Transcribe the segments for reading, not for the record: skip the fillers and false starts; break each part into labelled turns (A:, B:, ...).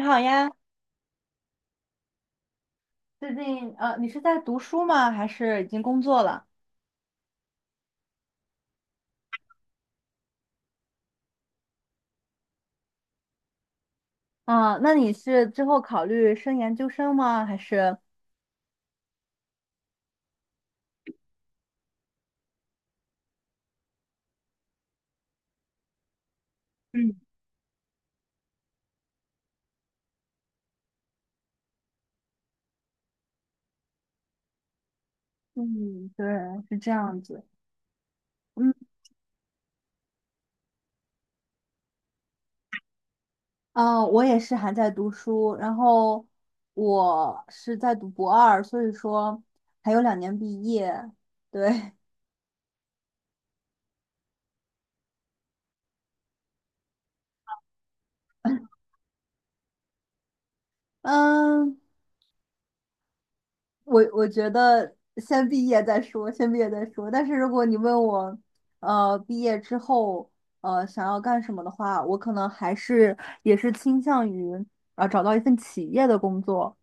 A: 你好呀，最近你是在读书吗？还是已经工作了？啊，那你是之后考虑升研究生吗？还是？嗯嗯，对，是这样子。嗯，我也是还在读书，然后我是在读博二，所以说还有两年毕业。对，嗯，我觉得先毕业再说，先毕业再说。但是如果你问我，毕业之后，想要干什么的话，我可能还是也是倾向于啊、找到一份企业的工作。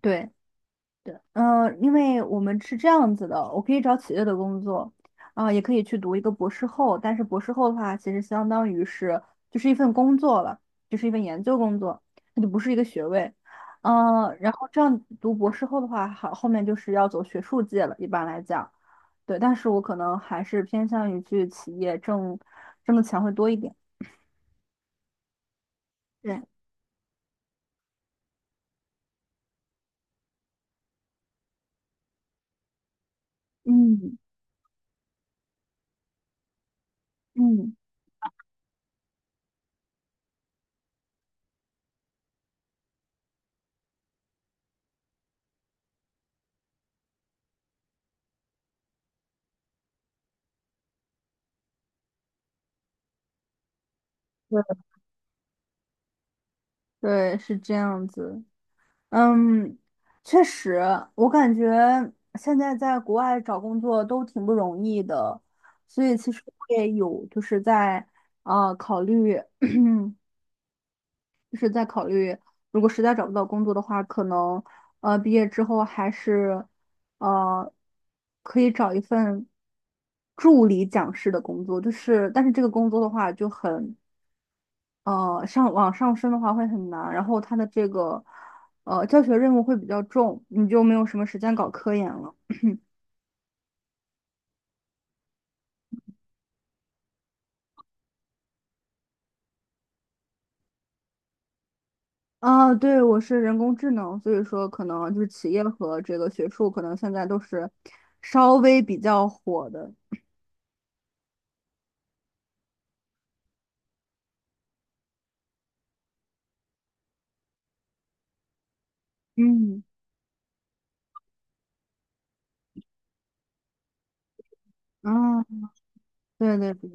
A: 对。对，嗯、因为我们是这样子的，我可以找企业的工作，啊、也可以去读一个博士后，但是博士后的话，其实相当于是就是一份工作了，就是一份研究工作，它就不是一个学位，嗯、然后这样读博士后的话，好，后面就是要走学术界了，一般来讲，对，但是我可能还是偏向于去企业挣挣的钱会多一点，对，嗯嗯。对，对是这样子，嗯，确实，我感觉现在在国外找工作都挺不容易的，所以其实我也有就是在啊、考虑，嗯，就是在考虑，如果实在找不到工作的话，可能毕业之后还是呃可以找一份助理讲师的工作，就是但是这个工作的话就很上往上升的话会很难，然后它的这个教学任务会比较重，你就没有什么时间搞科研了。啊，对，我是人工智能，所以说可能就是企业和这个学术可能现在都是稍微比较火的。嗯，啊，对对对。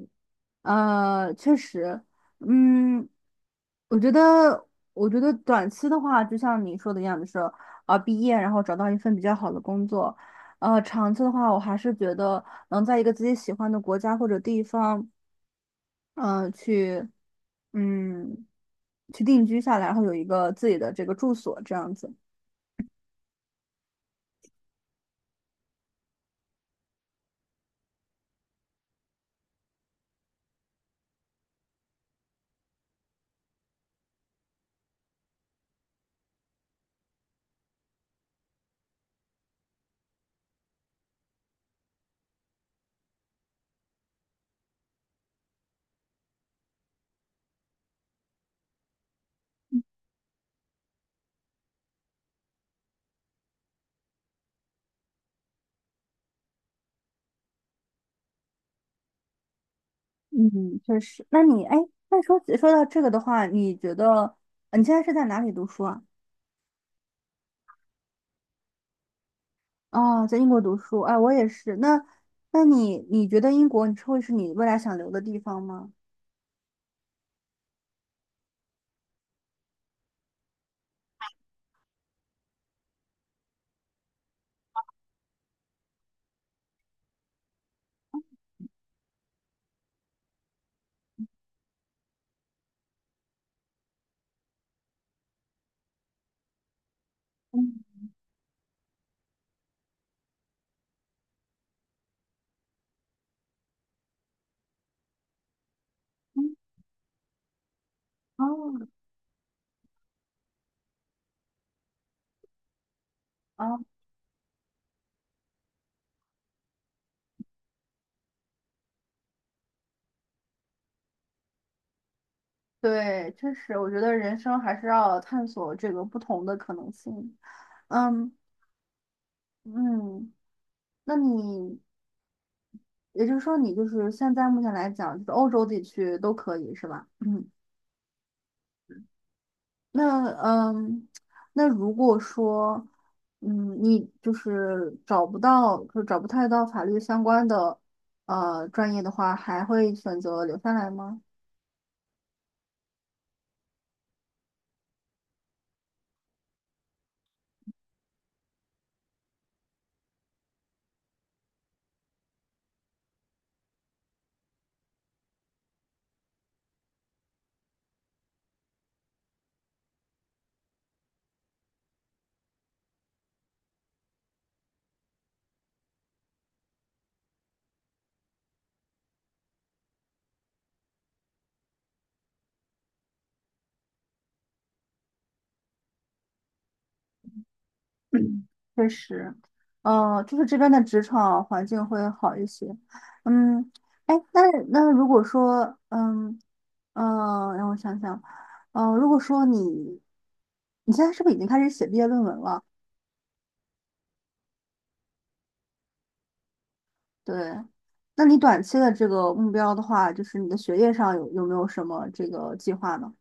A: 确实，嗯，我觉得，我觉得短期的话，就像你说的一样，就是啊，毕业然后找到一份比较好的工作，长期的话，我还是觉得能在一个自己喜欢的国家或者地方，去，嗯，去定居下来，然后有一个自己的这个住所，这样子。嗯，确实。那你，哎，那说到这个的话，你觉得你现在是在哪里读书啊？哦，在英国读书，哎，我也是。那，那你觉得英国你会是你未来想留的地方吗？嗯嗯 哦哦，对，确实，我觉得人生还是要探索这个不同的可能性。嗯嗯，那你也就是说，你就是现在目前来讲，就是欧洲地区都可以是吧？嗯。那嗯，那如果说，嗯，你就是找不到，就找不太到法律相关的专业的话，还会选择留下来吗？嗯确实，就是这边的职场环境会好一些。嗯，哎，那那如果说，嗯，让我想想，如果说你你现在是不是已经开始写毕业论文了？对，那你短期的这个目标的话，就是你的学业上有没有什么这个计划呢？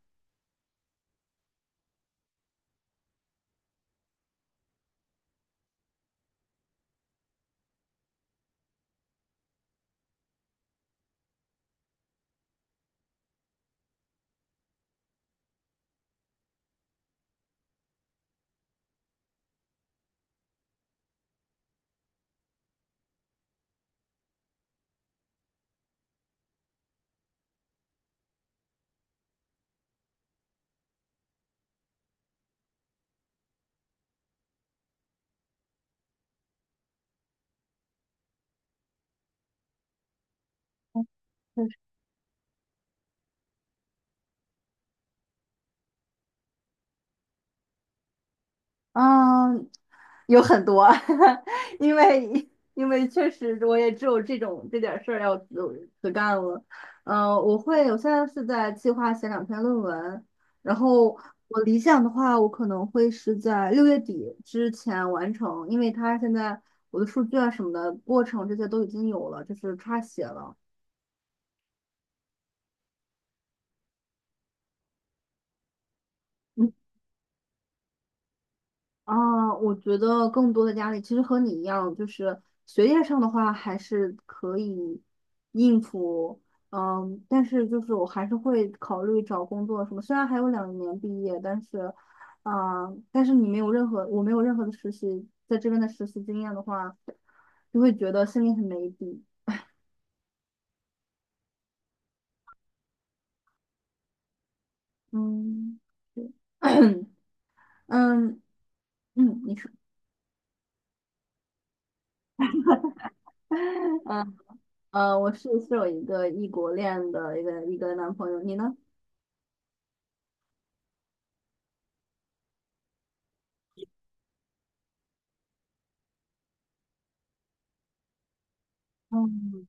A: 确实。嗯，有很多，因为因为确实我也只有这种这点事儿要自干了。嗯、我会，我现在是在计划写两篇论文，然后我理想的话，我可能会是在六月底之前完成，因为它现在我的数据啊什么的过程这些都已经有了，就是差写了。嗯啊，我觉得更多的压力其实和你一样，就是学业上的话还是可以应付，嗯，但是就是我还是会考虑找工作什么。虽然还有两年毕业，但是，啊，但是你没有任何，我没有任何的实习，在这边的实习经验的话，就会觉得心里很没底。嗯，对 嗯嗯，你说。嗯我是有一个异国恋的一个男朋友，你呢？嗯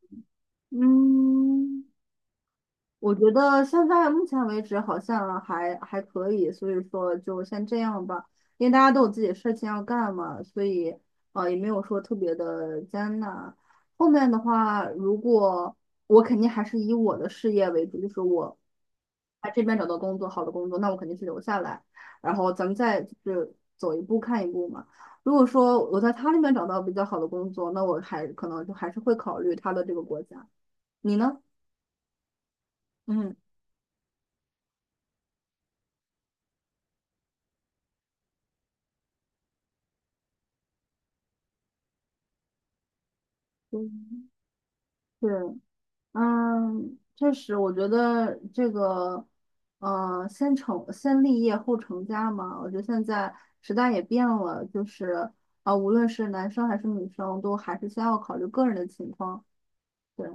A: 嗯，我觉得现在目前为止好像还可以，所以说就先这样吧，因为大家都有自己的事情要干嘛，所以也没有说特别的艰难。后面的话，如果我肯定还是以我的事业为主，就是我在这边找到工作，好的工作，那我肯定是留下来，然后咱们再就是走一步看一步嘛。如果说我在他那边找到比较好的工作，那我还可能就还是会考虑他的这个国家。你呢？嗯，嗯对，嗯，确实，我觉得这个，先成先立业后成家嘛，我觉得现在时代也变了，就是啊、无论是男生还是女生，都还是先要考虑个人的情况。对，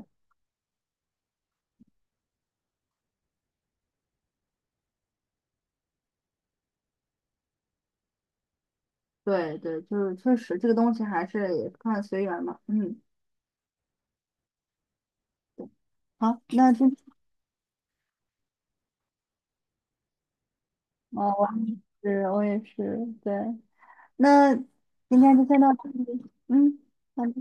A: 对，对，就是确实这个东西还是也看随缘嘛。嗯，好，那今，哦，我也是，对，那今天就先到这里。嗯，好的。